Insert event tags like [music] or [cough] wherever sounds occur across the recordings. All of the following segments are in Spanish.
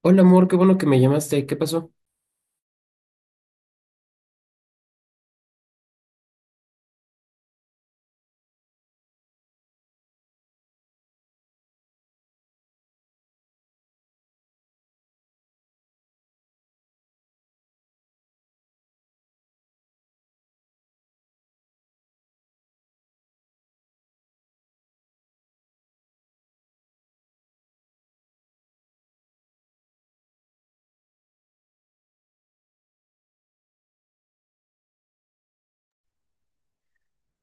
Hola amor, qué bueno que me llamaste. ¿Qué pasó?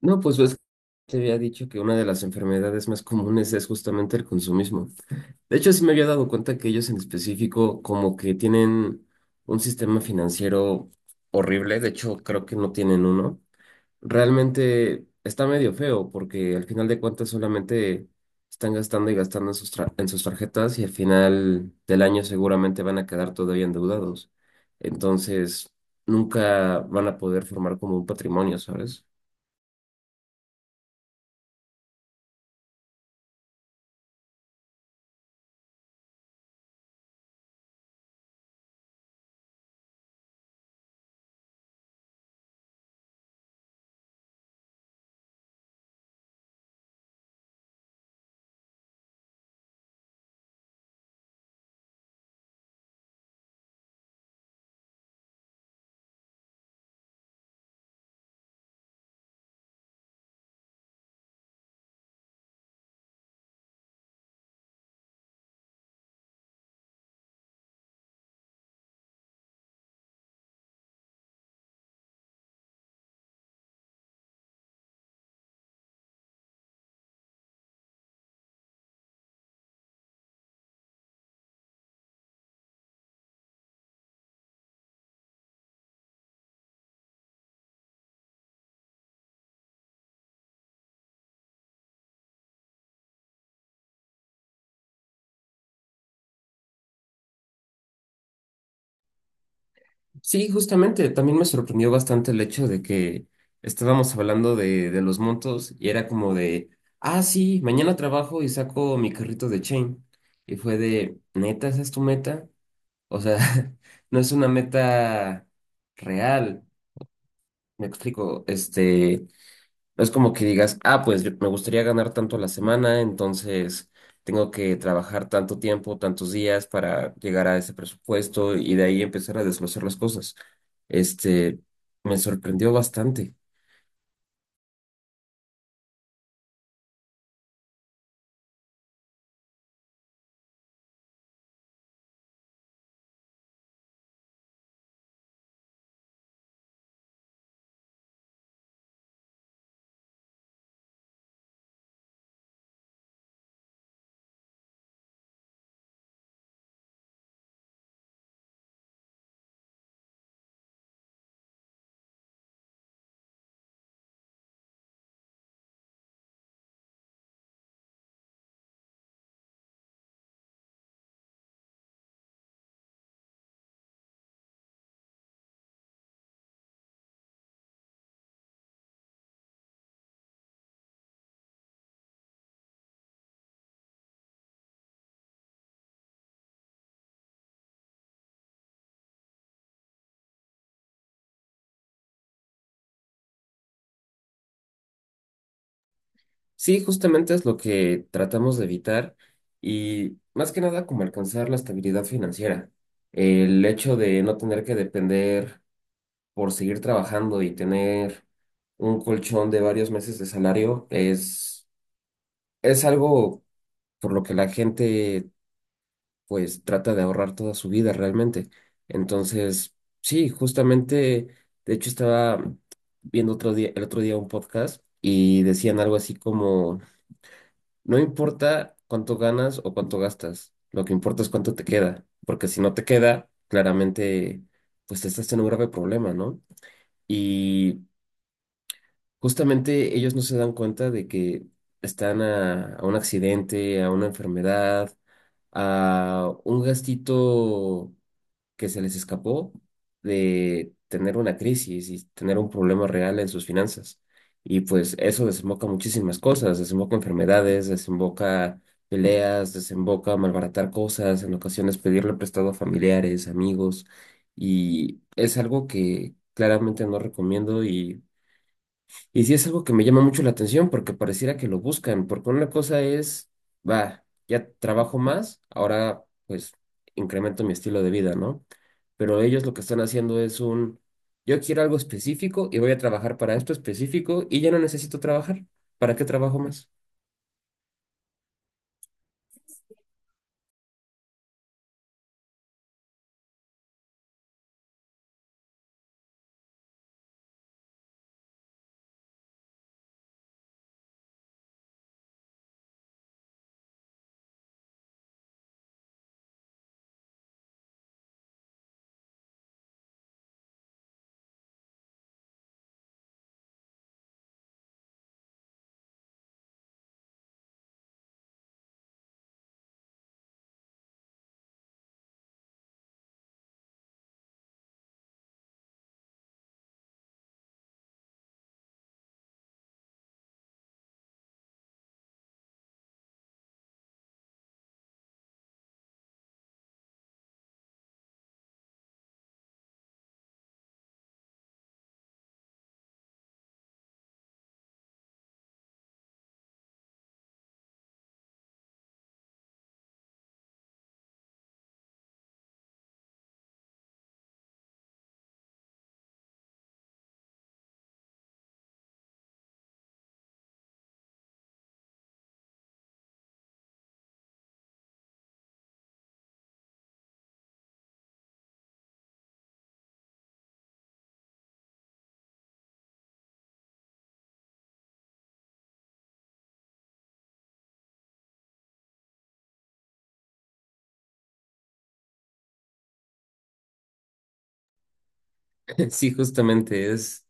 No, pues ves que te había dicho que una de las enfermedades más comunes es justamente el consumismo. De hecho, sí me había dado cuenta que ellos en específico como que tienen un sistema financiero horrible. De hecho, creo que no tienen uno. Realmente está medio feo porque al final de cuentas solamente están gastando y gastando en sus tarjetas y al final del año seguramente van a quedar todavía endeudados. Entonces, nunca van a poder formar como un patrimonio, ¿sabes? Sí, justamente, también me sorprendió bastante el hecho de que estábamos hablando de los montos y era como de, ah, sí, mañana trabajo y saco mi carrito de Chain. Y fue de, ¿neta, esa es tu meta? O sea, [laughs] no es una meta real. Me explico, no es como que digas, ah, pues me gustaría ganar tanto a la semana, entonces tengo que trabajar tanto tiempo, tantos días para llegar a ese presupuesto y de ahí empezar a desglosar las cosas. Este, me sorprendió bastante. Sí, justamente es lo que tratamos de evitar y más que nada como alcanzar la estabilidad financiera. El hecho de no tener que depender por seguir trabajando y tener un colchón de varios meses de salario es algo por lo que la gente pues trata de ahorrar toda su vida realmente. Entonces, sí, justamente, de hecho estaba viendo otro día, el otro día un podcast y decían algo así como, no importa cuánto ganas o cuánto gastas, lo que importa es cuánto te queda, porque si no te queda, claramente pues te estás en un grave problema, ¿no? Y justamente ellos no se dan cuenta de que están a un accidente, a una enfermedad, a un gastito que se les escapó de tener una crisis y tener un problema real en sus finanzas. Y pues eso desemboca muchísimas cosas, desemboca enfermedades, desemboca peleas, desemboca malbaratar cosas, en ocasiones pedirle prestado a familiares, amigos, y es algo que claramente no recomiendo y sí es algo que me llama mucho la atención porque pareciera que lo buscan, porque una cosa es, va, ya trabajo más, ahora pues incremento mi estilo de vida, ¿no? Pero ellos lo que están haciendo es un, yo quiero algo específico y voy a trabajar para esto específico y ya no necesito trabajar. ¿Para qué trabajo más? [laughs] Sí, justamente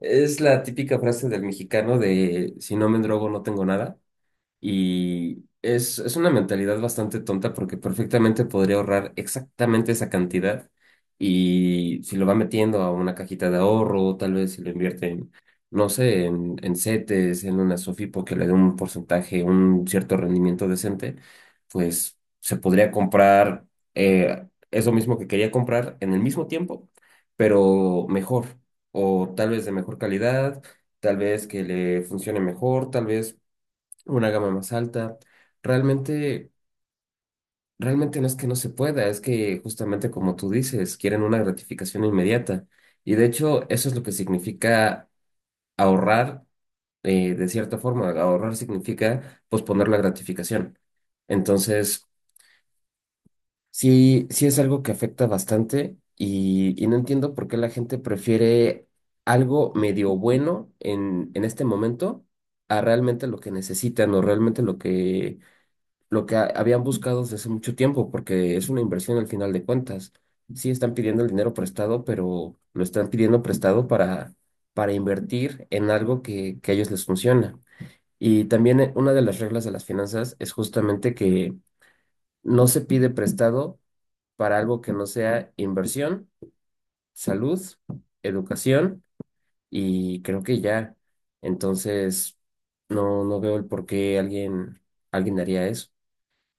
es la típica frase del mexicano de si no me drogo no tengo nada. Y es una mentalidad bastante tonta porque perfectamente podría ahorrar exactamente esa cantidad y si lo va metiendo a una cajita de ahorro, tal vez si lo invierte no sé, en CETES, en una SOFIPO que le dé un porcentaje, un cierto rendimiento decente, pues se podría comprar eso mismo que quería comprar en el mismo tiempo, pero mejor o tal vez de mejor calidad, tal vez que le funcione mejor, tal vez una gama más alta. Realmente, realmente no es que no se pueda, es que justamente como tú dices, quieren una gratificación inmediata. Y de hecho, eso es lo que significa ahorrar, de cierta forma. Ahorrar significa posponer la gratificación. Entonces, sí, sí es algo que afecta bastante y no entiendo por qué la gente prefiere algo medio bueno en este momento a realmente lo que necesitan o realmente lo que habían buscado desde hace mucho tiempo, porque es una inversión al final de cuentas. Sí están pidiendo el dinero prestado, pero lo están pidiendo prestado para invertir en algo que a ellos les funciona. Y también una de las reglas de las finanzas es justamente que no se pide prestado para algo que no sea inversión, salud, educación y creo que ya. Entonces, no veo el por qué alguien haría eso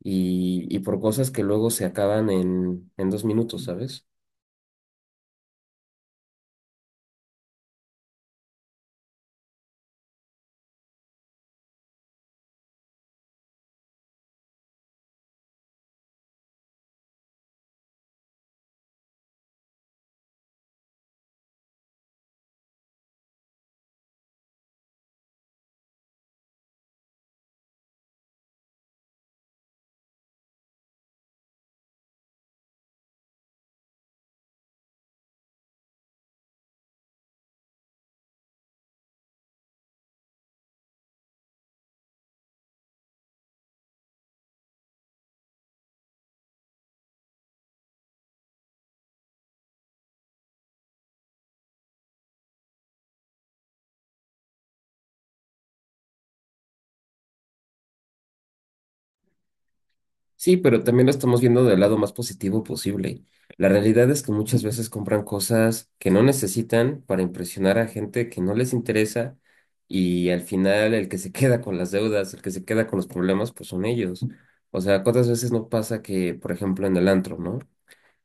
y por cosas que luego se acaban en 2 minutos, ¿sabes? Sí, pero también lo estamos viendo del lado más positivo posible. La realidad es que muchas veces compran cosas que no necesitan para impresionar a gente que no les interesa y al final el que se queda con las deudas, el que se queda con los problemas, pues son ellos. O sea, ¿cuántas veces no pasa que, por ejemplo, en el antro, ¿no?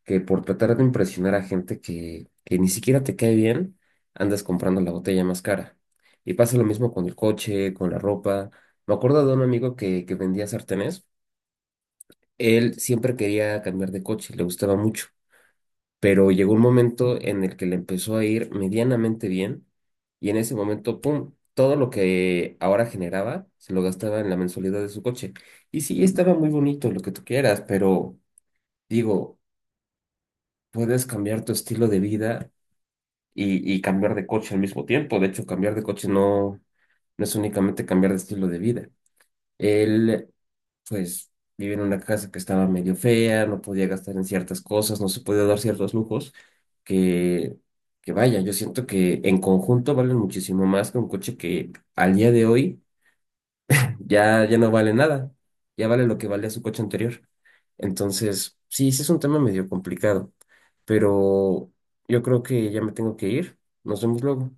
Que por tratar de impresionar a gente que ni siquiera te cae bien, andas comprando la botella más cara. Y pasa lo mismo con el coche, con la ropa. Me acuerdo de un amigo que vendía sartenes. Él siempre quería cambiar de coche, le gustaba mucho, pero llegó un momento en el que le empezó a ir medianamente bien y en ese momento, ¡pum!, todo lo que ahora generaba se lo gastaba en la mensualidad de su coche. Y sí, estaba muy bonito lo que tú quieras, pero digo, puedes cambiar tu estilo de vida y cambiar de coche al mismo tiempo. De hecho, cambiar de coche no es únicamente cambiar de estilo de vida. Él, pues, vivía en una casa que estaba medio fea, no podía gastar en ciertas cosas, no se podía dar ciertos lujos, que, que vaya, yo siento que en conjunto valen muchísimo más que un coche que al día de hoy ya no vale nada, ya vale lo que valía su coche anterior. Entonces, sí, sí es un tema medio complicado, pero yo creo que ya me tengo que ir. Nos vemos luego.